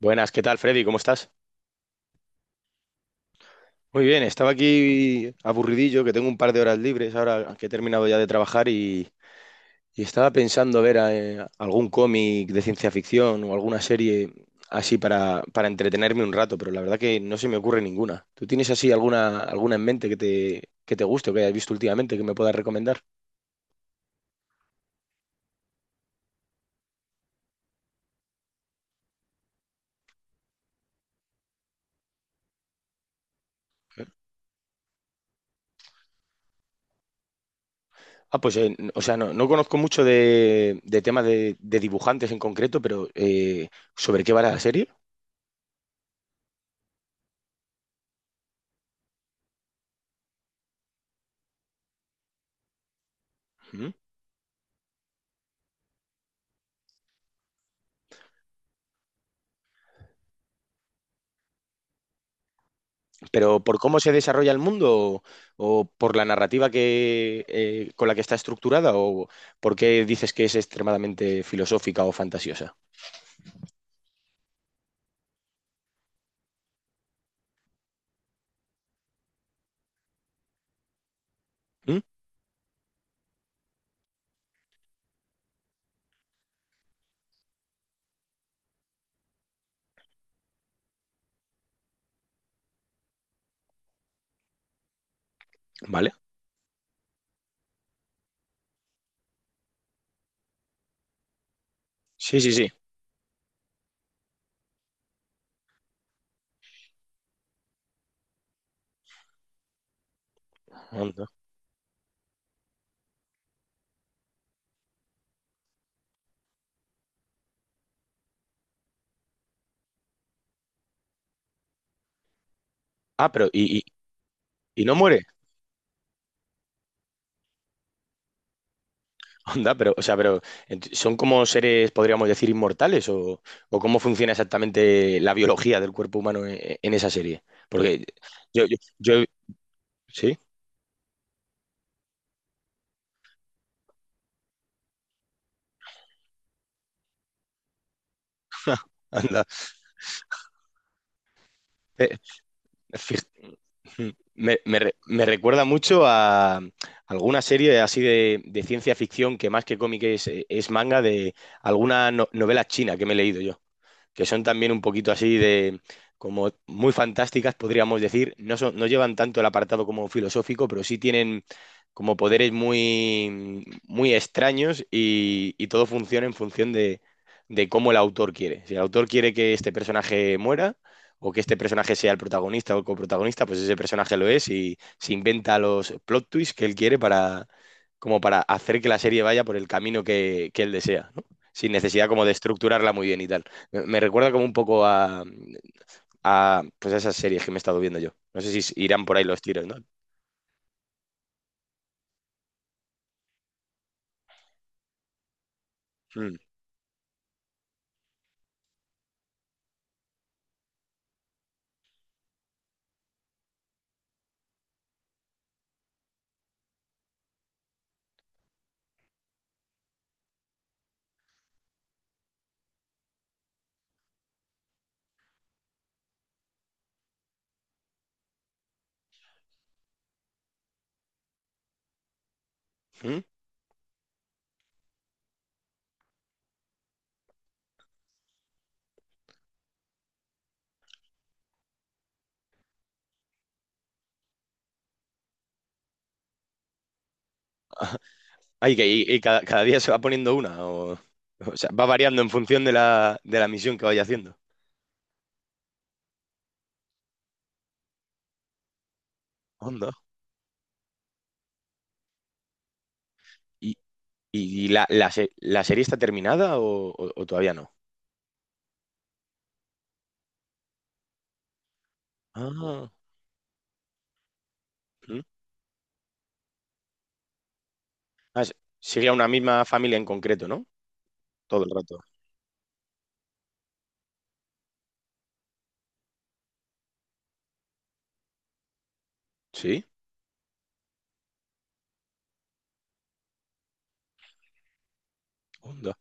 Buenas, ¿qué tal, Freddy? ¿Cómo estás? Muy bien, estaba aquí aburridillo, que tengo un par de horas libres ahora que he terminado ya de trabajar y estaba pensando ver algún cómic de ciencia ficción o alguna serie así para entretenerme un rato, pero la verdad que no se me ocurre ninguna. ¿Tú tienes así alguna en mente que te guste o que hayas visto últimamente que me puedas recomendar? Ah, pues, o sea, no conozco mucho de temas de dibujantes en concreto, pero ¿sobre qué va la serie? Pero por cómo se desarrolla el mundo o por la narrativa con la que está estructurada o por qué dices que es extremadamente filosófica o fantasiosa. ¿Mm? ¿Vale? Sí, sí, sí. Onda. Ah, pero y no muere. Onda, pero, o sea, son como seres, podríamos decir, inmortales o cómo funciona exactamente la biología del cuerpo humano en esa serie. Porque yo, yo, yo- sí, anda. Eh, Fij- me recuerda mucho a alguna serie así de ciencia ficción que más que cómic es manga de alguna novela china que me he leído yo que son también un poquito así como muy fantásticas, podríamos decir. No son, no llevan tanto el apartado como filosófico, pero sí tienen como poderes muy, muy extraños y todo funciona en función de cómo el autor quiere. Si el autor quiere que este personaje muera o que este personaje sea el protagonista o el coprotagonista, pues ese personaje lo es y se inventa los plot twists que él quiere como para hacer que la serie vaya por el camino que él desea, ¿no? Sin necesidad como de estructurarla muy bien y tal. Me recuerda como un poco a, pues a esas series que me he estado viendo yo. No sé si irán por ahí los tiros, ¿no? Mm, mm. Ay, que y cada día se va poniendo una, o sea, va variando en función de la misión que vaya haciendo. Onda. ¿Y, y la serie está terminada o todavía no? Ah, mm. Ah, sigue a una misma familia en concreto, ¿no? Todo el rato. Sí. Onda.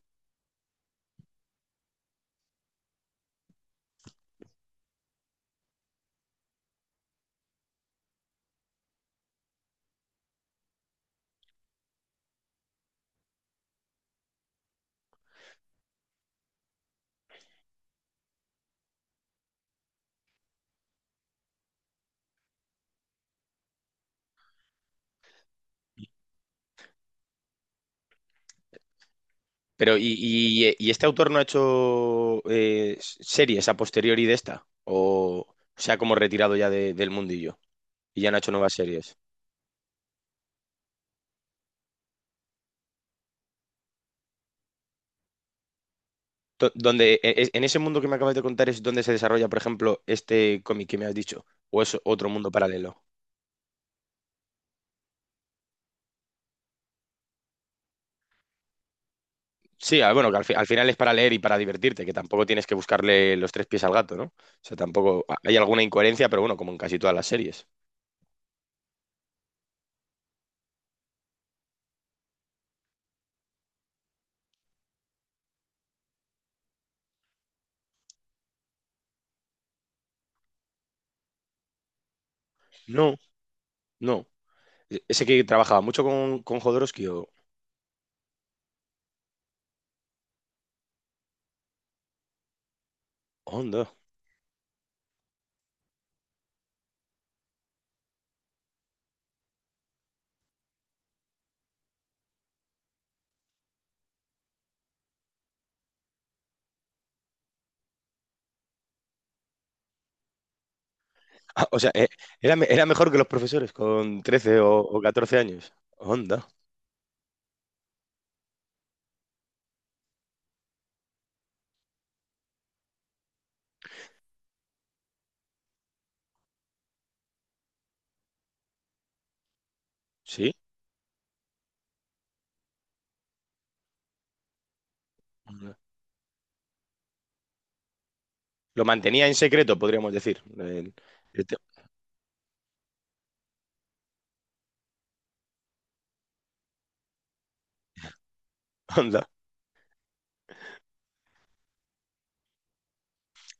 Pero, ¿y este autor no ha hecho series a posteriori de esta? ¿O se ha como retirado ya del mundillo y ya no ha hecho nuevas series? En ese mundo que me acabas de contar es donde se desarrolla, por ejemplo, este cómic que me has dicho, o es otro mundo paralelo. Sí, ah, bueno, que al, al final es para leer y para divertirte, que tampoco tienes que buscarle los tres pies al gato, ¿no? O sea, tampoco hay alguna incoherencia, pero bueno, como en casi todas las series. No, no. Ese que trabajaba mucho con Jodorowsky o... Onda. Ah, o sea, era mejor que los profesores con 13 o 14 años. Onda, sí. Onda. Lo mantenía en secreto, podríamos decir. El te- Onda.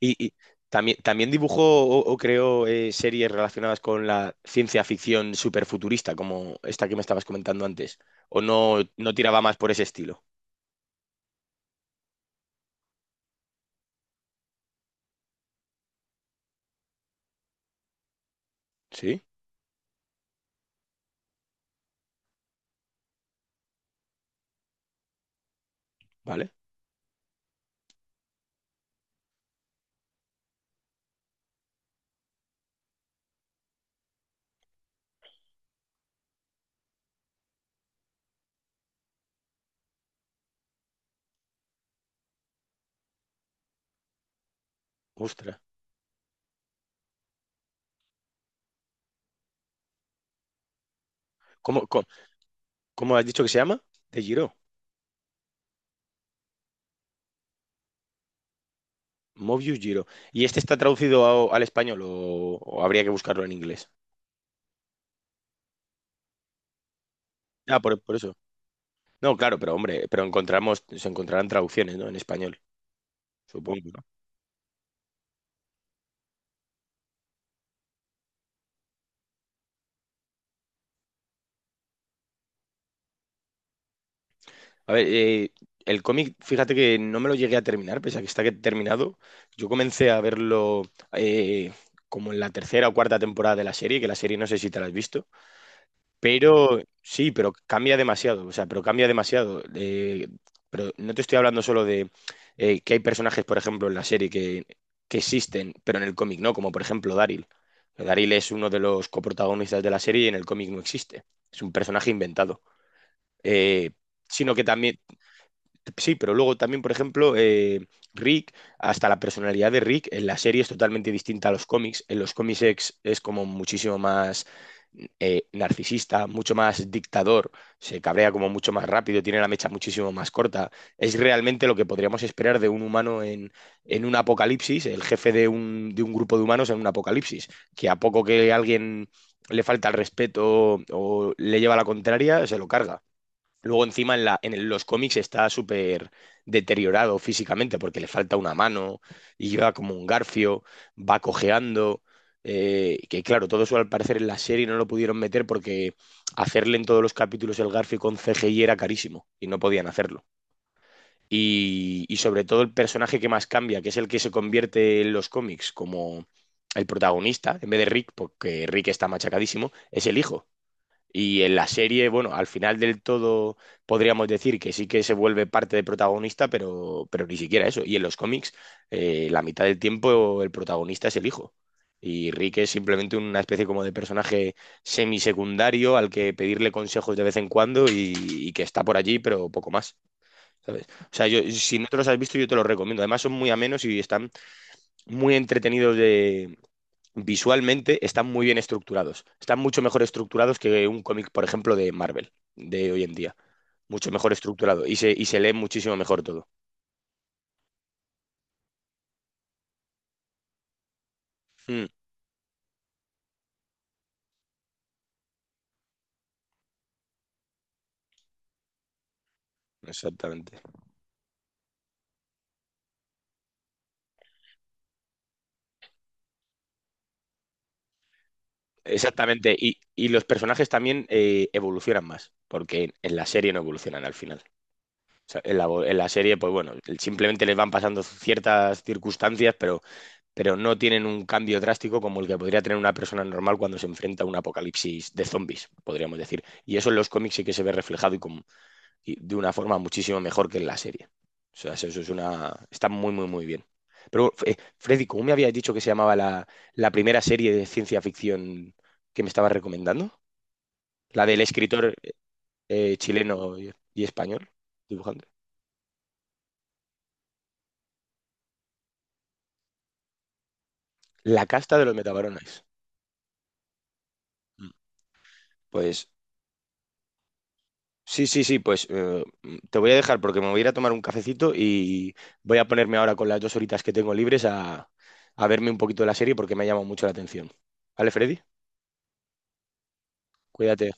Y también dibujó o creó series relacionadas con la ciencia ficción superfuturista, como esta que me estabas comentando antes. ¿O no tiraba más por ese estilo? Sí, vale. Ostras. ¿Cómo, cómo, cómo has dicho que se llama? De Giro. Mobius Giro. ¿Y este está traducido al español o habría que buscarlo en inglés? Ah, por eso. No, claro, pero hombre, se encontrarán traducciones, ¿no? En español, supongo, ¿no? A ver, el cómic, fíjate que no me lo llegué a terminar, pese a que está terminado. Yo comencé a verlo eh, como en la tercera o cuarta temporada de la serie, que la serie no sé si te la has visto. Pero sí, pero cambia demasiado, o sea, pero cambia demasiado. Pero no te estoy hablando solo de que hay personajes, por ejemplo, en la serie que existen, pero en el cómic no, como por ejemplo Daryl. Daryl es uno de los coprotagonistas de la serie y en el cómic no existe. Es un personaje inventado. Eh, Sino que también, sí, pero luego también, por ejemplo, Rick, hasta la personalidad de Rick en la serie es totalmente distinta a los cómics. En los cómics es como muchísimo más narcisista, mucho más dictador, se cabrea como mucho más rápido, tiene la mecha muchísimo más corta. Es realmente lo que podríamos esperar de un humano en un apocalipsis, el jefe de un grupo de humanos en un apocalipsis, que a poco que alguien le falta el respeto o le lleva la contraria, se lo carga. Luego encima en los cómics está súper deteriorado físicamente porque le falta una mano y lleva como un garfio, va cojeando. Que claro, todo eso al parecer en la serie no lo pudieron meter porque hacerle en todos los capítulos el garfio con CGI era carísimo y no podían hacerlo. Y sobre todo el personaje que más cambia, que es el que se convierte en los cómics como el protagonista, en vez de Rick, porque Rick está machacadísimo, es el hijo. Y en la serie, bueno, al final del todo podríamos decir que sí que se vuelve parte de protagonista, pero ni siquiera eso. Y en los cómics, la mitad del tiempo el protagonista es el hijo. Y Rick es simplemente una especie como de personaje semisecundario al que pedirle consejos de vez en cuando y que está por allí, pero poco más. ¿Sabes? O sea, yo, si no te los has visto, yo te los recomiendo. Además, son muy amenos y están muy entretenidos. Visualmente están muy bien estructurados. Están mucho mejor estructurados que un cómic, por ejemplo, de Marvel, de hoy en día. Mucho mejor estructurado y y se lee muchísimo mejor todo. Mm, exactamente. Exactamente. Y los personajes también evolucionan más, porque en la serie no evolucionan al final. O sea, en la serie, pues bueno, simplemente les van pasando ciertas circunstancias, pero no tienen un cambio drástico como el que podría tener una persona normal cuando se enfrenta a un apocalipsis de zombies, podríamos decir. Y eso en los cómics sí que se ve reflejado y de una forma muchísimo mejor que en la serie. O sea, eso es una. Está muy, muy, muy bien. Pero, Freddy, ¿cómo me habías dicho que se llamaba la primera serie de ciencia ficción que me estabas recomendando? La del escritor chileno y español, dibujante. La casta de los metabarones. Mm. Pues sí, sí, sí, pues te voy a dejar porque me voy a ir a tomar un cafecito y voy a ponerme ahora con las 2 horitas que tengo libres a verme un poquito de la serie porque me ha llamado mucho la atención. ¿Vale, Freddy? Cuídate.